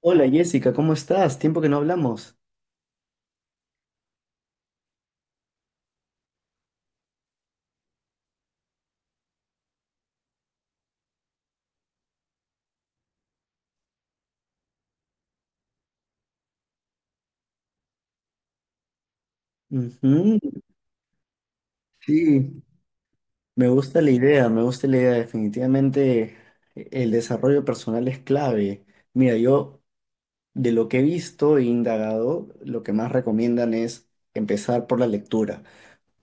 Hola Jessica, ¿cómo estás? Tiempo que no hablamos. Ujú, sí, me gusta la idea, me gusta la idea. Definitivamente el desarrollo personal es clave. Mira, yo de lo que he visto e indagado, lo que más recomiendan es empezar por la lectura,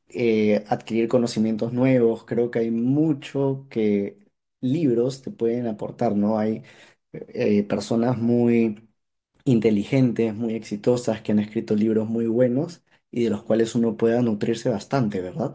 adquirir conocimientos nuevos. Creo que hay mucho que libros te pueden aportar, ¿no? Hay personas muy inteligentes, muy exitosas, que han escrito libros muy buenos y de los cuales uno pueda nutrirse bastante, ¿verdad?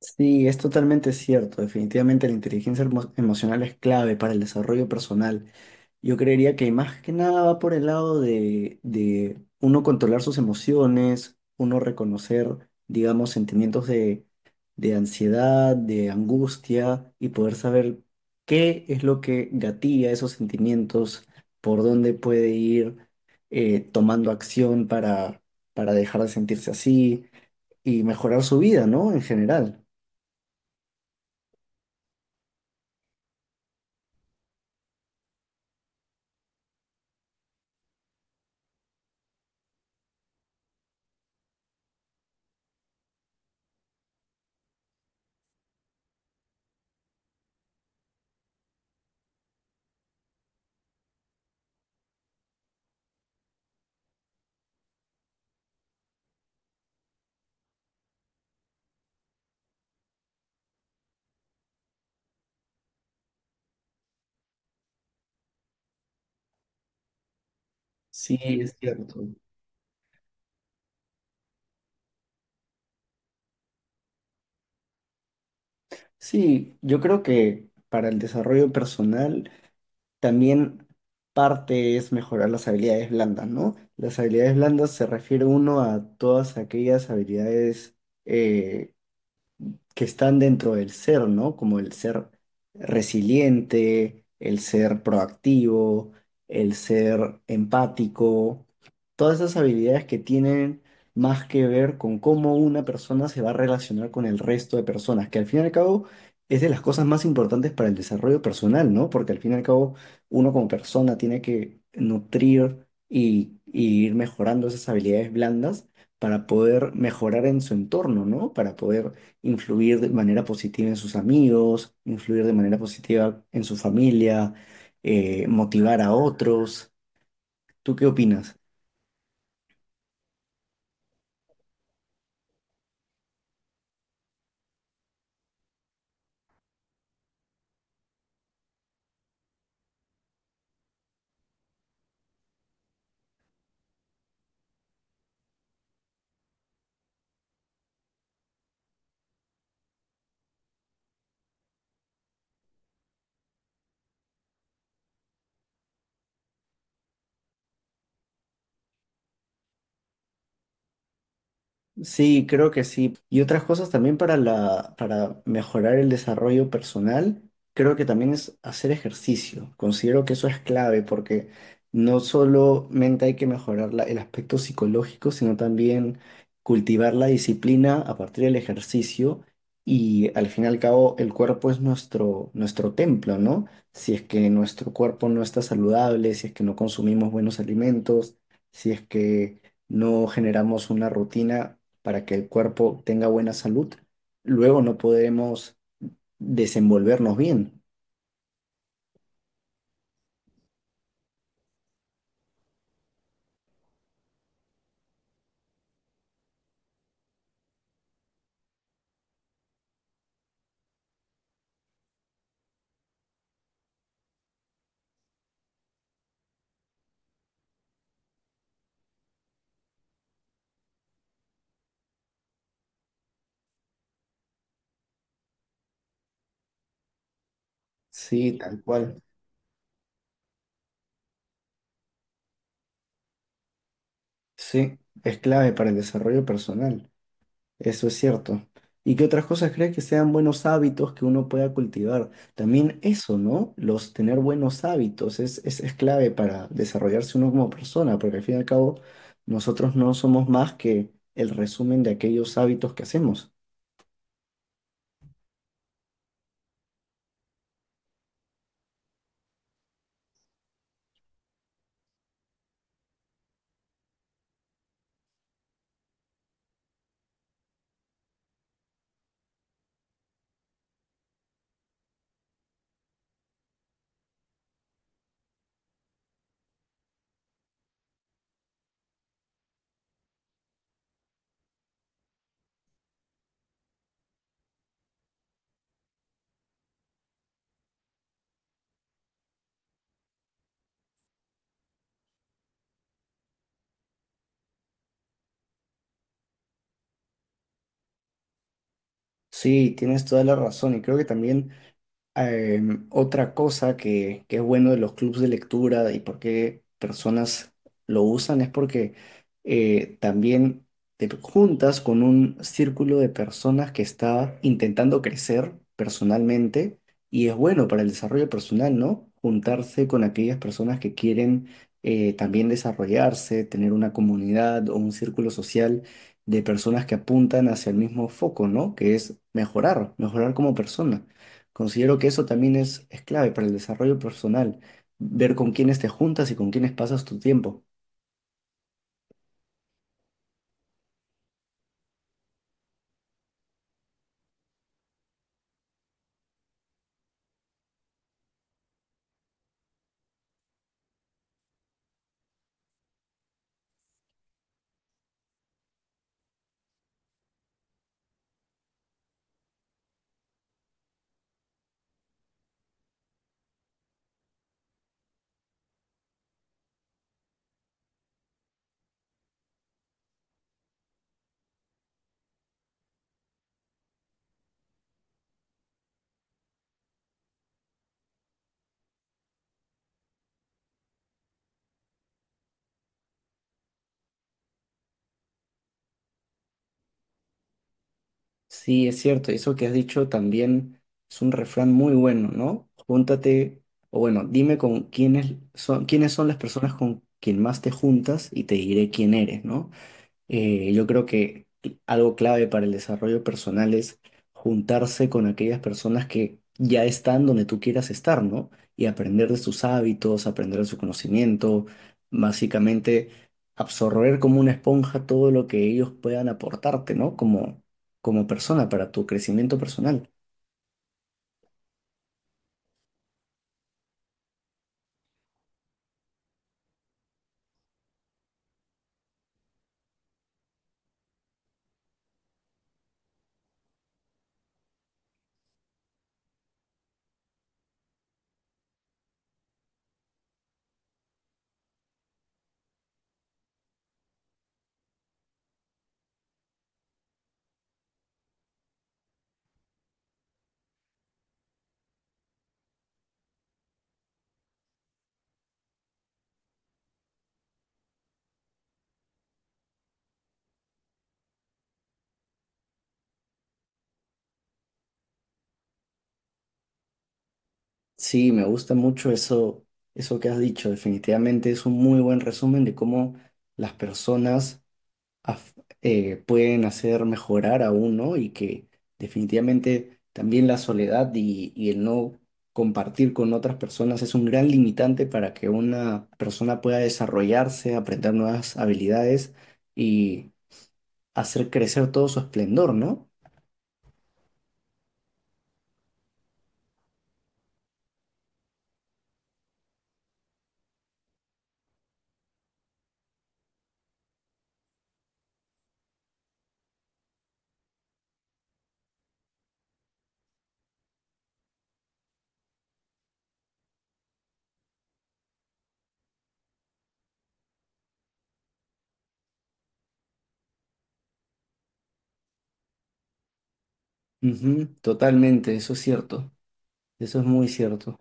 Sí, es totalmente cierto. Definitivamente la inteligencia emocional es clave para el desarrollo personal. Yo creería que más que nada va por el lado de uno controlar sus emociones, uno reconocer, digamos, sentimientos de ansiedad, de angustia y poder saber qué es lo que gatilla esos sentimientos, por dónde puede ir tomando acción para dejar de sentirse así y mejorar su vida, ¿no? En general. Sí, es cierto. Sí, yo creo que para el desarrollo personal también parte es mejorar las habilidades blandas, ¿no? Las habilidades blandas se refiere uno a todas aquellas habilidades eh, que están dentro del ser, ¿no? Como el ser resiliente, el ser proactivo, el ser empático, todas esas habilidades que tienen más que ver con cómo una persona se va a relacionar con el resto de personas, que al fin y al cabo es de las cosas más importantes para el desarrollo personal, ¿no? Porque al fin y al cabo uno como persona tiene que nutrir y ir mejorando esas habilidades blandas para poder mejorar en su entorno, ¿no? Para poder influir de manera positiva en sus amigos, influir de manera positiva en su familia, motivar a otros. ¿Tú qué opinas? Sí, creo que sí. Y otras cosas también para la, para mejorar el desarrollo personal, creo que también es hacer ejercicio. Considero que eso es clave porque no solamente hay que mejorar el aspecto psicológico, sino también cultivar la disciplina a partir del ejercicio. Y al fin y al cabo, el cuerpo es nuestro, nuestro templo, ¿no? Si es que nuestro cuerpo no está saludable, si es que no consumimos buenos alimentos, si es que no generamos una rutina para que el cuerpo tenga buena salud, luego no podremos desenvolvernos bien. Sí, tal cual. Sí, es clave para el desarrollo personal. Eso es cierto. ¿Y qué otras cosas crees que sean buenos hábitos que uno pueda cultivar? También eso, ¿no? Los tener buenos hábitos es clave para desarrollarse uno como persona, porque al fin y al cabo nosotros no somos más que el resumen de aquellos hábitos que hacemos. Sí, tienes toda la razón y creo que también otra cosa que es bueno de los clubes de lectura y por qué personas lo usan es porque también te juntas con un círculo de personas que está intentando crecer personalmente y es bueno para el desarrollo personal, ¿no? Juntarse con aquellas personas que quieren también desarrollarse, tener una comunidad o un círculo social de personas que apuntan hacia el mismo foco, ¿no? Que es mejorar, mejorar como persona. Considero que eso también es clave para el desarrollo personal, ver con quiénes te juntas y con quiénes pasas tu tiempo. Sí, es cierto, eso que has dicho también es un refrán muy bueno, ¿no? Júntate, o bueno, dime con quiénes son las personas con quien más te juntas y te diré quién eres, ¿no? Yo creo que algo clave para el desarrollo personal es juntarse con aquellas personas que ya están donde tú quieras estar, ¿no? Y aprender de sus hábitos, aprender de su conocimiento, básicamente absorber como una esponja todo lo que ellos puedan aportarte, ¿no? Como, como persona para tu crecimiento personal. Sí, me gusta mucho eso, eso que has dicho. Definitivamente es un muy buen resumen de cómo las personas af- pueden hacer mejorar a uno y que definitivamente también la soledad y el no compartir con otras personas es un gran limitante para que una persona pueda desarrollarse, aprender nuevas habilidades y hacer crecer todo su esplendor, ¿no? Ujú, totalmente, eso es cierto, eso es muy cierto.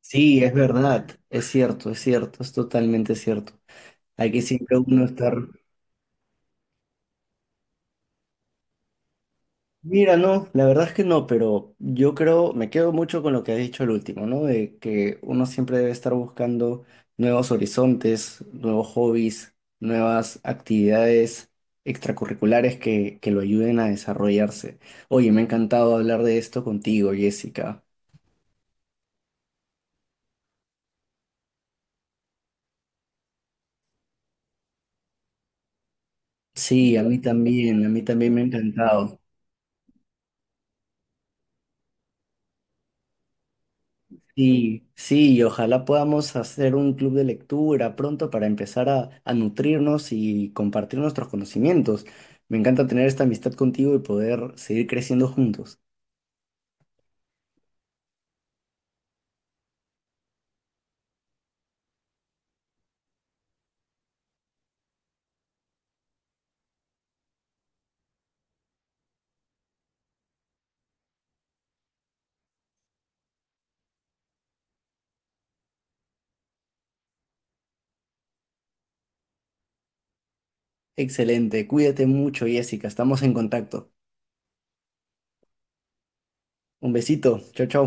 Sí, es verdad, es cierto, es cierto, es totalmente cierto. Hay que siempre uno estar. Mira, no, la verdad es que no, pero yo creo, me quedo mucho con lo que has dicho el último, ¿no? De que uno siempre debe estar buscando nuevos horizontes, nuevos hobbies, nuevas actividades extracurriculares que lo ayuden a desarrollarse. Oye, me ha encantado hablar de esto contigo, Jessica. Sí, a mí también me ha encantado. Sí, sí, y ojalá podamos hacer un club de lectura pronto para empezar a nutrirnos y compartir nuestros conocimientos. Me encanta tener esta amistad contigo y poder seguir creciendo juntos. Excelente, cuídate mucho, Jessica, estamos en contacto. Un besito, chao, chao.